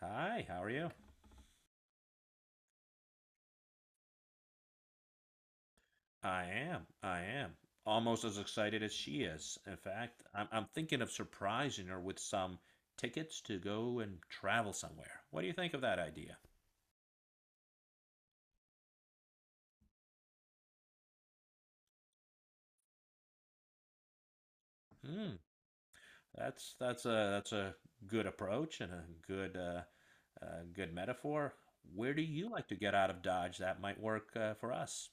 Hi, how are you? I am. I am. Almost as excited as she is. In fact, I'm thinking of surprising her with some tickets to go and travel somewhere. What do you think of that idea? Hmm. That's a good approach and a good good metaphor. Where do you like to get out of Dodge that might work for us?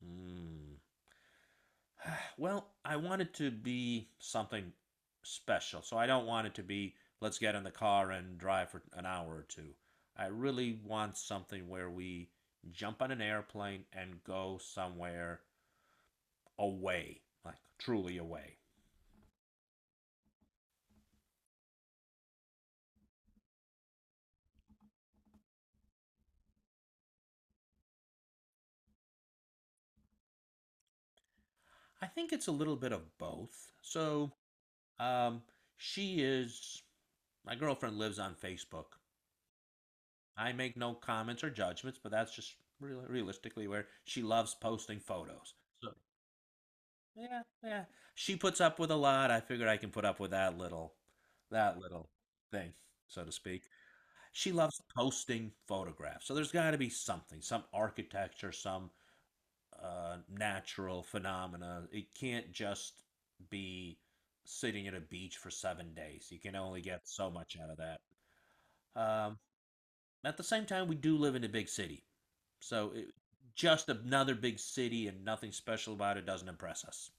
Hmm. Well, I want it to be something special. So I don't want it to be let's get in the car and drive for an hour or two. I really want something where we jump on an airplane and go somewhere away, like truly away. I think it's a little bit of both. Um, she is my girlfriend lives on Facebook. I make no comments or judgments, but that's just realistically where she loves posting photos. So yeah, yeah. She puts up with a lot. I figured I can put up with that little thing, so to speak. She loves posting photographs. So there's got to be something, some architecture, some natural phenomena. It can't just be sitting at a beach for 7 days. You can only get so much out of that. Um, at the same time, we do live in a big city. So it, just another big city and nothing special about it doesn't impress us.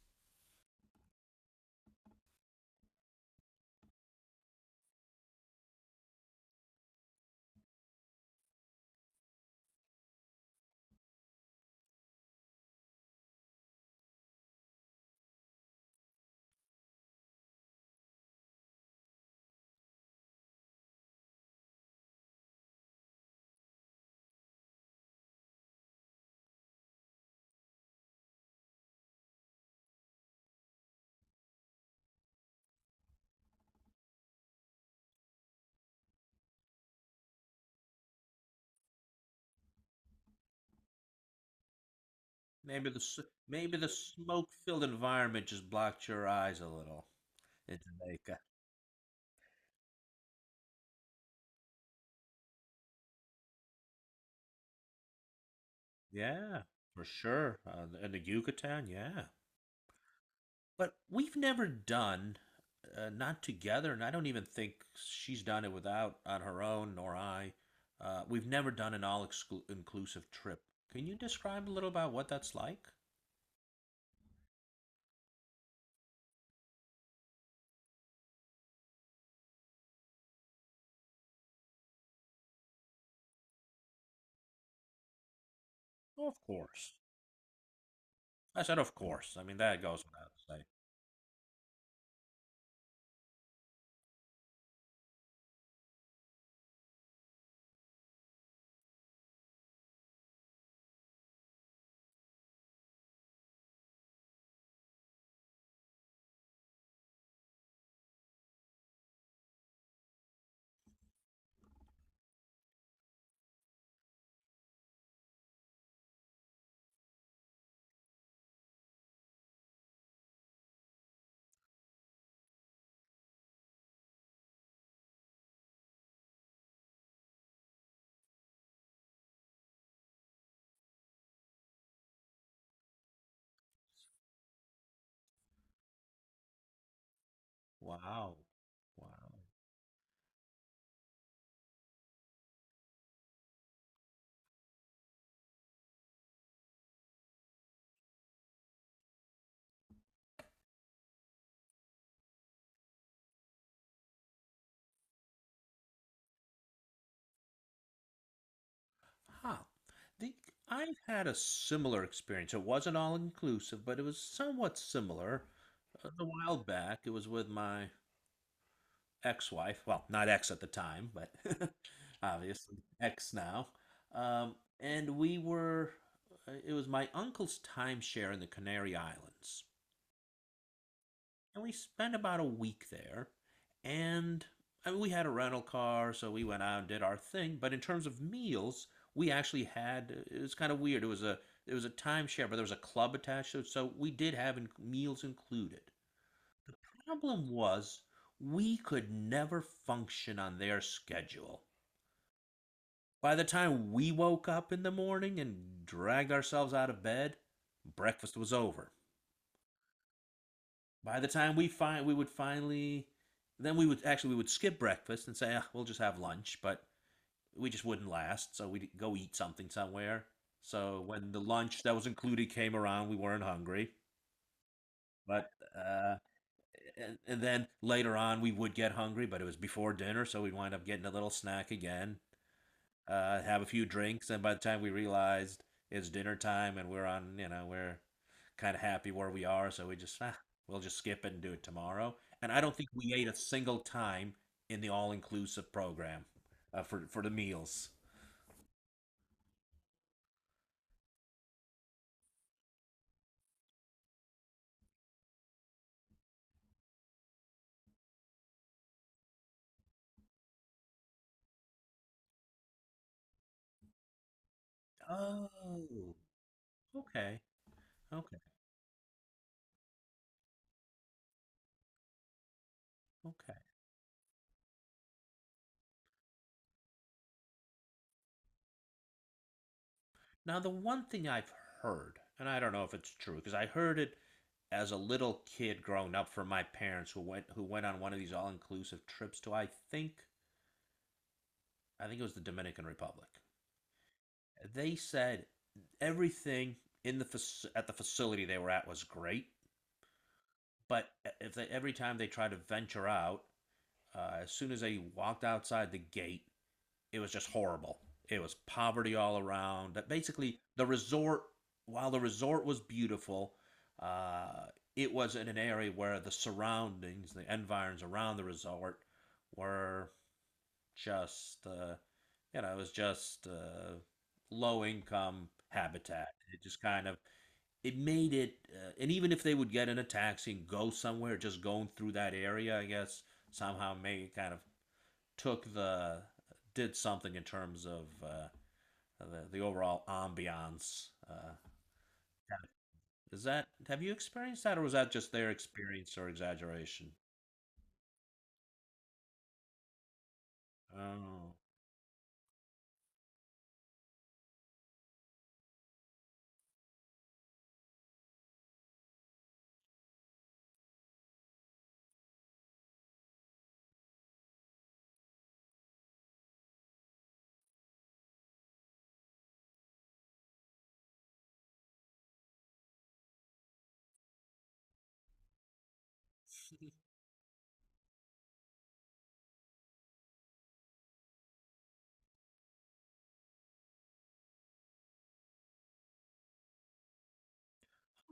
Maybe the s- Maybe the smoke-filled environment just blocked your eyes a little in Jamaica. Yeah, for sure. In the Yucatan, yeah. But we've never done, not together, and I don't even think she's done it without on her own, nor I. We've never done an all-inclusive trip. Can you describe a little about what that's like? Of course. I said, of course. I mean, that goes without saying. Wow. Wow. Ah, the I've had a similar experience. It wasn't all inclusive, but it was somewhat similar. A while back, it was with my ex-wife. Well, not ex at the time, but obviously ex now. And we were. It was my uncle's timeshare in the Canary Islands, and we spent about a week there. And I mean, we had a rental car, so we went out and did our thing. But in terms of meals, we actually had it was kind of weird. It was a timeshare, but there was a club attached to it, so we did have meals included. Problem was, we could never function on their schedule. By the time we woke up in the morning and dragged ourselves out of bed, breakfast was over. By the time we find, We would finally, then we would actually we would skip breakfast and say, "Ah, we'll just have lunch," but we just wouldn't last, so we'd go eat something somewhere. So when the lunch that was included came around, we weren't hungry. But uh, and then later on, we would get hungry, but it was before dinner, so we'd wind up getting a little snack again have a few drinks, and by the time we realized it's dinner time and we're on, you know, we're kind of happy where we are, so we just we'll just skip it and do it tomorrow. And I don't think we ate a single time in the all-inclusive program for the meals. Oh, okay, okay, okay. Now, the one thing I've heard, and I don't know if it's true, because I heard it as a little kid growing up from my parents who went on one of these all-inclusive trips to, I think it was the Dominican Republic. They said everything in the at the facility they were at was great, but if they, every time they tried to venture out, as soon as they walked outside the gate, it was just horrible. It was poverty all around. That basically the resort, while the resort was beautiful, uh, it was in an area where the surroundings, the environs around the resort, were just you know it was just low income habitat. It just kind of it made it, and even if they would get in a taxi and go somewhere, just going through that area, I guess somehow made it kind of took the did something in terms of the overall ambiance. Is that have you experienced that, or was that just their experience or exaggeration? Oh,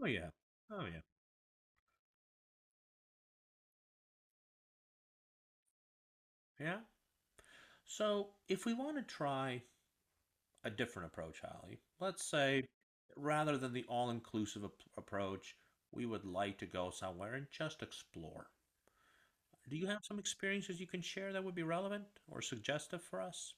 oh yeah, oh yeah, yeah. So if we want to try a different approach, Holly. Let's say rather than the all inclusive approach, we would like to go somewhere and just explore. Do you have some experiences you can share that would be relevant or suggestive for us?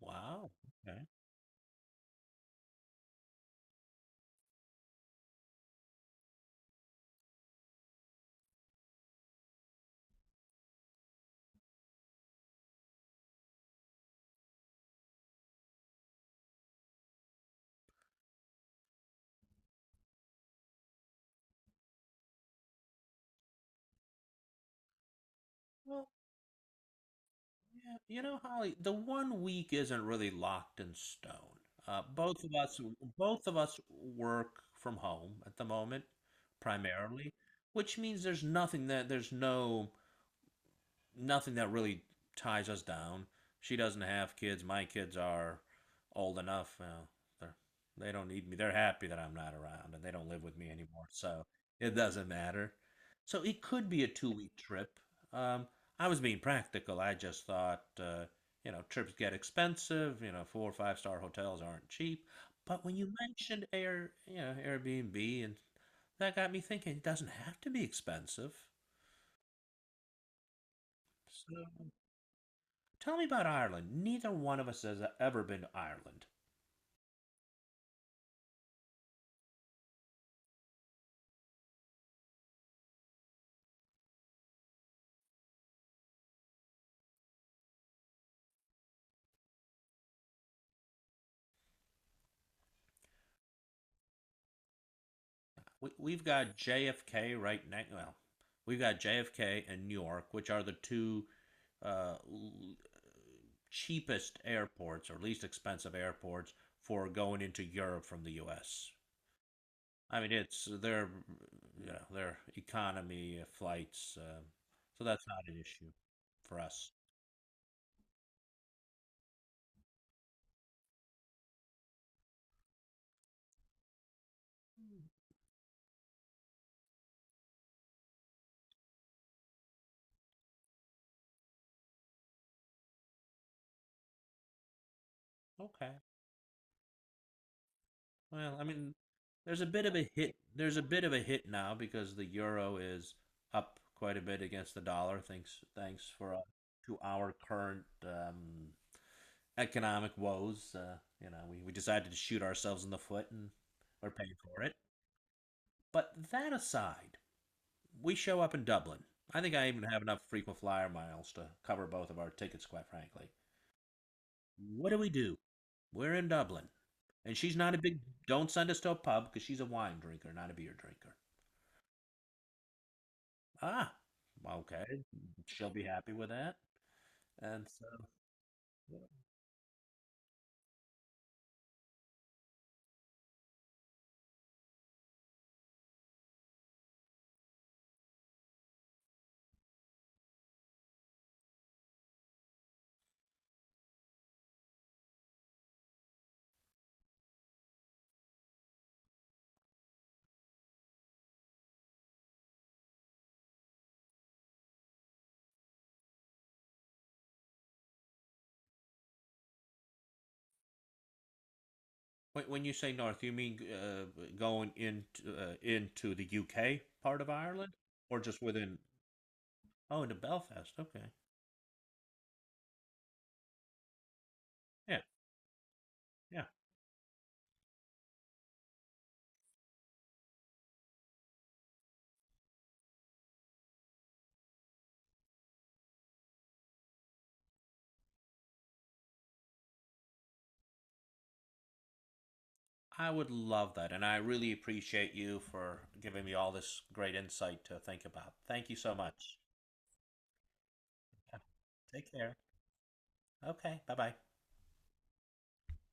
Wow. Okay. Well, yeah, you know, Holly, the one week isn't really locked in stone. Uh, both of us, Both of us work from home at the moment, primarily, which means there's no nothing that really ties us down. She doesn't have kids. My kids are old enough. You know, they're, they don't need me. They're happy that I'm not around and they don't live with me anymore. So it doesn't matter. So it could be a 2 week trip. Um, I was being practical. I just thought, you know, trips get expensive. You know, four or five-star hotels aren't cheap. But when you mentioned Air, you know, Airbnb, and that got me thinking, it doesn't have to be expensive. So tell me about Ireland. Neither one of us has ever been to Ireland. We've got JFK right next. Well, we've got JFK and Newark, which are the two uh, cheapest airports or least expensive airports for going into Europe from the U.S. I mean, it's their, you know, their economy flights, so that's not an issue for us. Okay. Well, I mean, there's a bit of a hit. There's a bit of a hit now because the euro is up quite a bit against the dollar. Thanks for to our current economic woes. You know, we decided to shoot ourselves in the foot, and we're paying for it. But that aside, we show up in Dublin. I think I even have enough frequent flyer miles to cover both of our tickets, quite frankly. What do we do? We're in Dublin, and she's not a big. Don't send us to a pub because she's a wine drinker, not a beer drinker. Ah, okay. She'll be happy with that. And so, when you say north, you mean going into the UK part of Ireland, or just within? Oh, into Belfast. Okay. Yeah, yeah. I would love that, and I really appreciate you for giving me all this great insight to think about. Thank you so much. Yeah. Take care. Okay. Bye bye.